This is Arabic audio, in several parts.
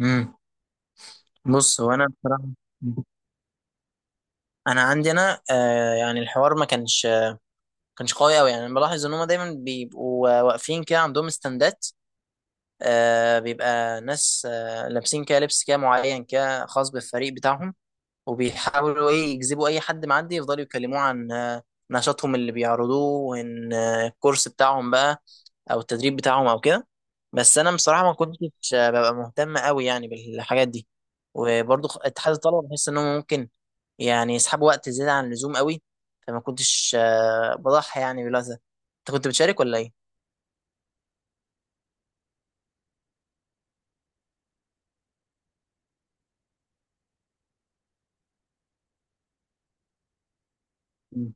امم بص هو انا بصراحه عندي انا يعني الحوار ما كانش قوي. يعني انا بلاحظ ان هم دايما بيبقوا واقفين كده عندهم استندات. بيبقى ناس لابسين كده لبس كده معين كده خاص بالفريق بتاعهم، وبيحاولوا ايه يجذبوا اي حد معدي يفضلوا يكلموه عن نشاطهم اللي بيعرضوه، وان الكورس بتاعهم بقى او التدريب بتاعهم او كده. بس انا بصراحه ما كنتش ببقى مهتم قوي يعني بالحاجات دي. وبرضه اتحاد الطلبه بحس انهم ممكن يعني يسحبوا وقت زياده عن اللزوم قوي. فما كنتش بضحي يعني بالوقت ده. انت كنت بتشارك ولا ايه؟ مم.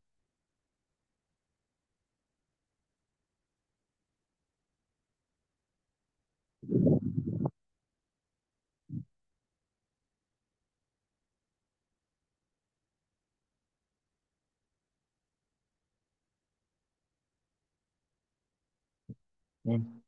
مم.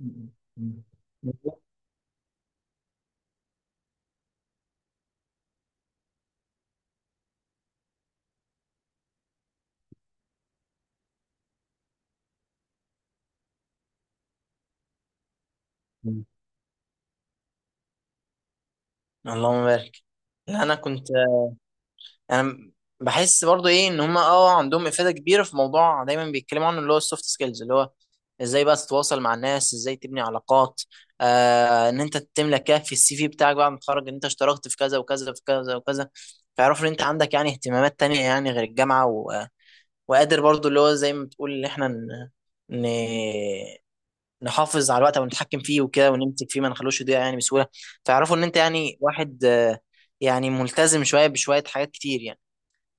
مم. مم. اللهم بارك. لا انا بحس برضو ايه ان هما اه عندهم افاده كبيره في موضوع دايما بيتكلموا عنه، اللي هو السوفت سكيلز، اللي هو ازاي بقى تتواصل مع الناس، ازاي تبني علاقات. آه، ان انت تملى كده في السي في بتاعك بعد ما تتخرج ان انت اشتركت في كذا وكذا، في كذا وكذا. فيعرفوا ان انت عندك يعني اهتمامات تانية يعني غير الجامعه وقادر برضو اللي هو زي ما بتقول ان احنا ن... نحافظ على الوقت او نتحكم فيه وكده ونمسك فيه ما نخلوش يضيع يعني بسهوله. فيعرفوا ان انت يعني واحد يعني ملتزم، شويه بشويه حاجات كتير يعني.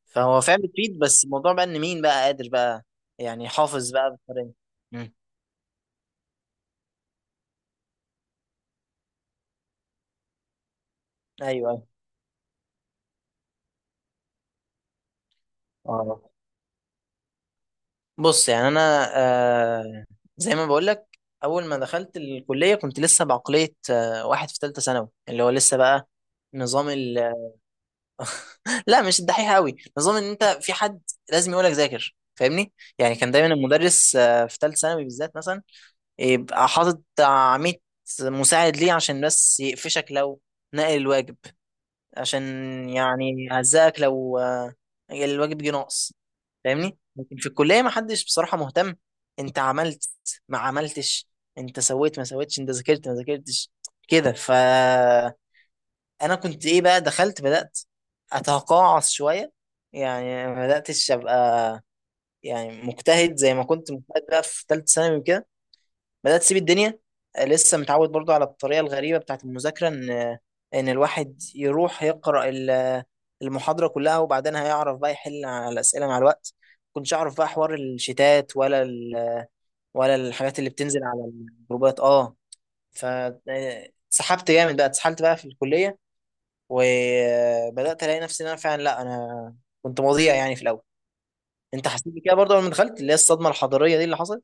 فهو فعلا تريد، بس الموضوع بقى ان مين بقى قادر بقى يعني حافظ بقى بالطريقه. مم. ايوه ايوه. اه بص يعني انا زي ما بقول لك، اول ما دخلت الكليه كنت لسه بعقليه واحد في ثالثه ثانوي، اللي هو لسه بقى نظام ال- لا مش الدحيح قوي، نظام ان انت في حد لازم يقولك ذاكر، فاهمني؟ يعني كان دايما المدرس في ثالث ثانوي بالذات مثلا يبقى حاطط بتاع 100 مساعد ليه عشان بس يقفشك لو نقل الواجب، عشان يعني هزقك لو الواجب جه ناقص، فاهمني؟ لكن في الكليه ما حدش بصراحه مهتم، انت عملت ما عملتش، انت سويت ما سويتش، انت ذاكرت ما ذاكرتش كده. فانا كنت ايه بقى، دخلت بدات اتقاعس شويه، يعني ما بداتش ابقى يعني مجتهد زي ما كنت مجتهد بقى في ثالثه ثانوي وكده. بدأت تسيب الدنيا، آه، لسه متعود برضو على الطريقة الغريبة بتاعت المذاكرة، إن الواحد يروح يقرأ المحاضرة كلها وبعدين هيعرف بقى يحل على الأسئلة مع الوقت. كنتش أعرف بقى حوار الشتات، ولا الحاجات اللي بتنزل على الجروبات، اه. ف سحبت جامد بقى، اتسحلت بقى في الكلية، وبدأت ألاقي نفسي إن أنا فعلا لأ، أنا كنت مضيع يعني في الأول. أنت حسيت بكده برضه لما دخلت اللي هي الصدمة الحضارية دي اللي حصلت؟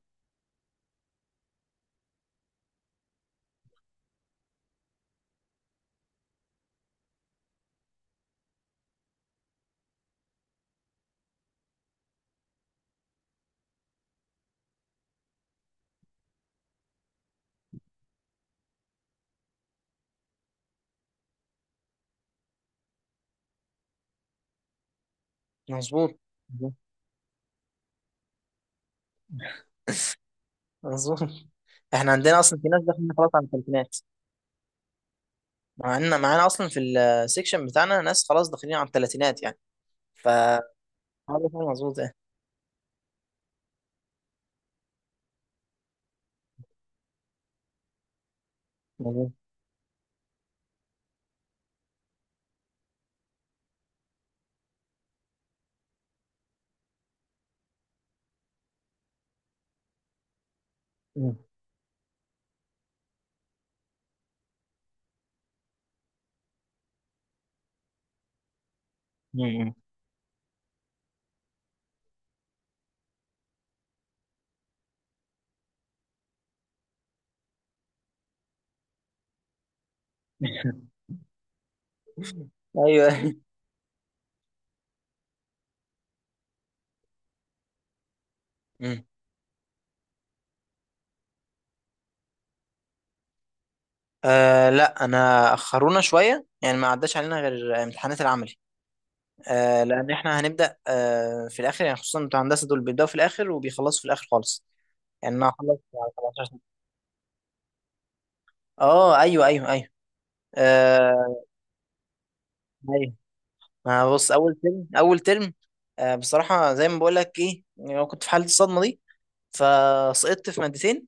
مظبوط. اظن احنا عندنا اصلا في ناس داخلين خلاص على الثلاثينات. معانا، معانا اصلا في السكشن بتاعنا ناس خلاص داخلين على الثلاثينات يعني. ف هو مظبوط ايه. مظبوط. مم. مم. ايوه. مم. آه لا انا اخرونا شويه يعني، ما عداش علينا غير امتحانات العملي. آه لان احنا هنبدا آه في الاخر يعني، خصوصا بتوع هندسه دول بيبداوا في الاخر وبيخلصوا في الاخر خالص. يعني انا هخلص على 17. اه ايوه ايوه ايوه. آه، أيوه. ما بص، اول ترم آه، بصراحه زي ما بقول لك ايه يعني، أنا كنت في حاله الصدمه دي فسقطت في مادتين،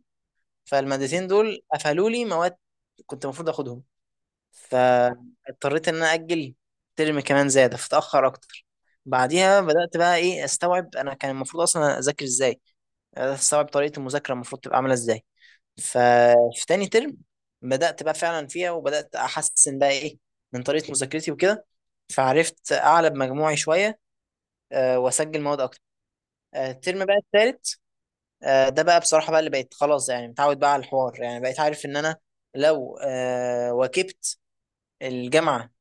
فالمادتين دول قفلوا لي مواد كنت المفروض اخدهم. فاضطريت ان انا اجل ترم كمان زياده فتاخر اكتر. بعديها بدات بقى ايه استوعب انا كان المفروض اصلا اذاكر ازاي، بدأت استوعب طريقه المذاكره المفروض تبقى عامله ازاي. ففي تاني ترم بدات بقى فعلا فيها، وبدات احسن بقى ايه من طريقه مذاكرتي وكده، فعرفت اعلى بمجموعي شويه واسجل مواد اكتر. آه، الترم بقى التالت آه، ده بقى بصراحه بقى اللي بقيت خلاص يعني متعود بقى على الحوار، يعني بقيت عارف ان انا لو واكبت الجامعه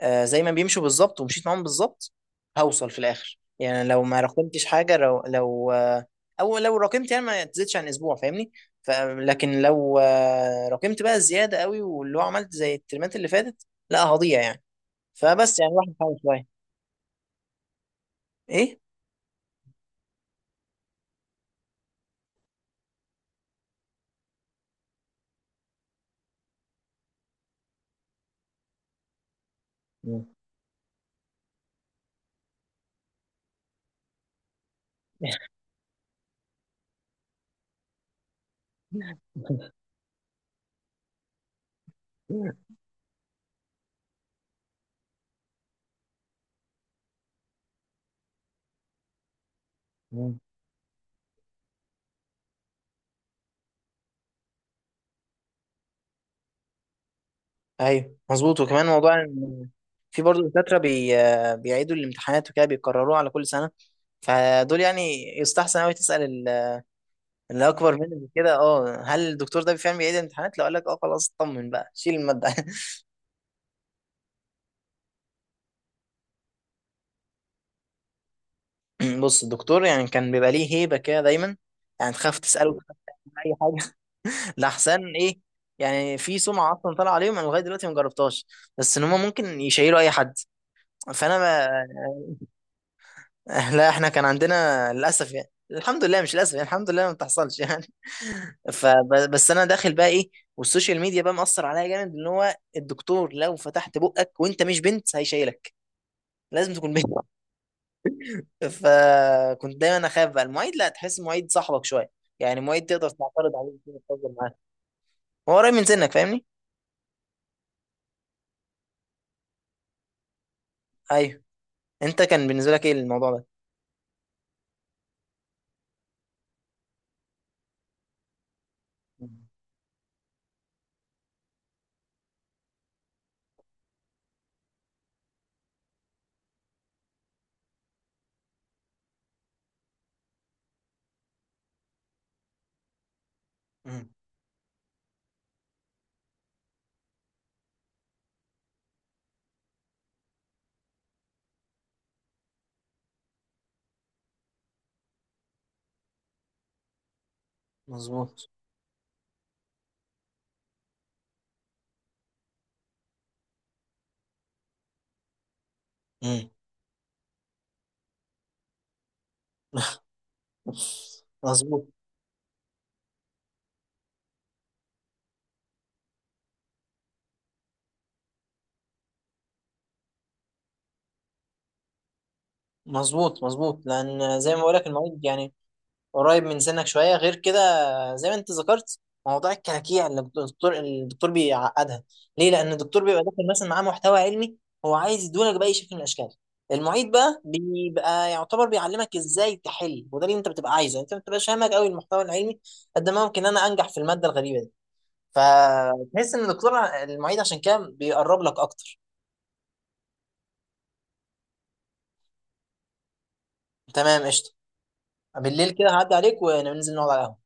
زي ما بيمشوا بالظبط ومشيت معاهم بالظبط، هوصل في الاخر يعني. لو ما راكمتش حاجه، لو لو آه، او لو راكمت يعني ما تزيدش عن اسبوع، فاهمني؟ ف- لكن لو راكمت بقى الزياده قوي واللي هو عملت زي الترمات اللي فاتت، لا هضيع يعني. فبس يعني الواحد بيحاول شويه. ايه. ايوه مظبوط. وكمان موضوع إن في برضه دكاترة بيعيدوا الامتحانات وكده بيكرروها على كل سنة. فدول يعني يستحسن قوي تسأل اللي أكبر منك كده، اه هل الدكتور ده فعلا بيعيد الامتحانات؟ لو قال لك اه، خلاص اطمن بقى شيل المادة. بص، الدكتور يعني كان بيبقى ليه هيبة كده دايما، يعني تخاف تسأله، تخاف تعمل أي حاجة. لحسن إيه، يعني في سمعة أصلا طالعة عليهم أنا لغاية دلوقتي ما جربتهاش، بس إن هم ممكن يشيلوا أي حد. فأنا لا احنا كان عندنا للاسف يعني، الحمد لله مش للاسف يعني، الحمد لله ما بتحصلش يعني. فبس انا داخل بقى ايه، والسوشيال ميديا بقى مأثر عليا جامد ان هو الدكتور لو فتحت بقك وانت مش بنت هيشيلك، لازم تكون بنت. فكنت دايما اخاف بقى. المعيد لا، تحس المعيد صاحبك شويه، يعني المعيد تقدر تعترض عليه، تقدر تهزر معاه، هو قريب من سنك، فاهمني؟ ايوه. انت كان بالنسبه لك ايه الموضوع ده؟ مم. مظبوط. مم. مظبوط. مظبوط. مظبوط لان زي ما بقولك المعيد يعني قريب من سنك شويه، غير كده زي ما انت ذكرت موضوع الكراكيع اللي الدكتور بيعقدها ليه، لان الدكتور بيبقى داخل مثلا معاه محتوى علمي هو عايز يدولك باي شكل من الاشكال. المعيد بقى بيبقى يعتبر بيعلمك ازاي تحل، وده اللي انت بتبقى عايزه، يعني انت ما بتبقاش فاهمك قوي المحتوى العلمي قد ما ممكن انا انجح في الماده الغريبه دي. فتحس ان الدكتور المعيد عشان كده بيقرب لك اكتر. تمام قشطه. بالليل كده هعدي عليك وننزل نقعد على القهوه.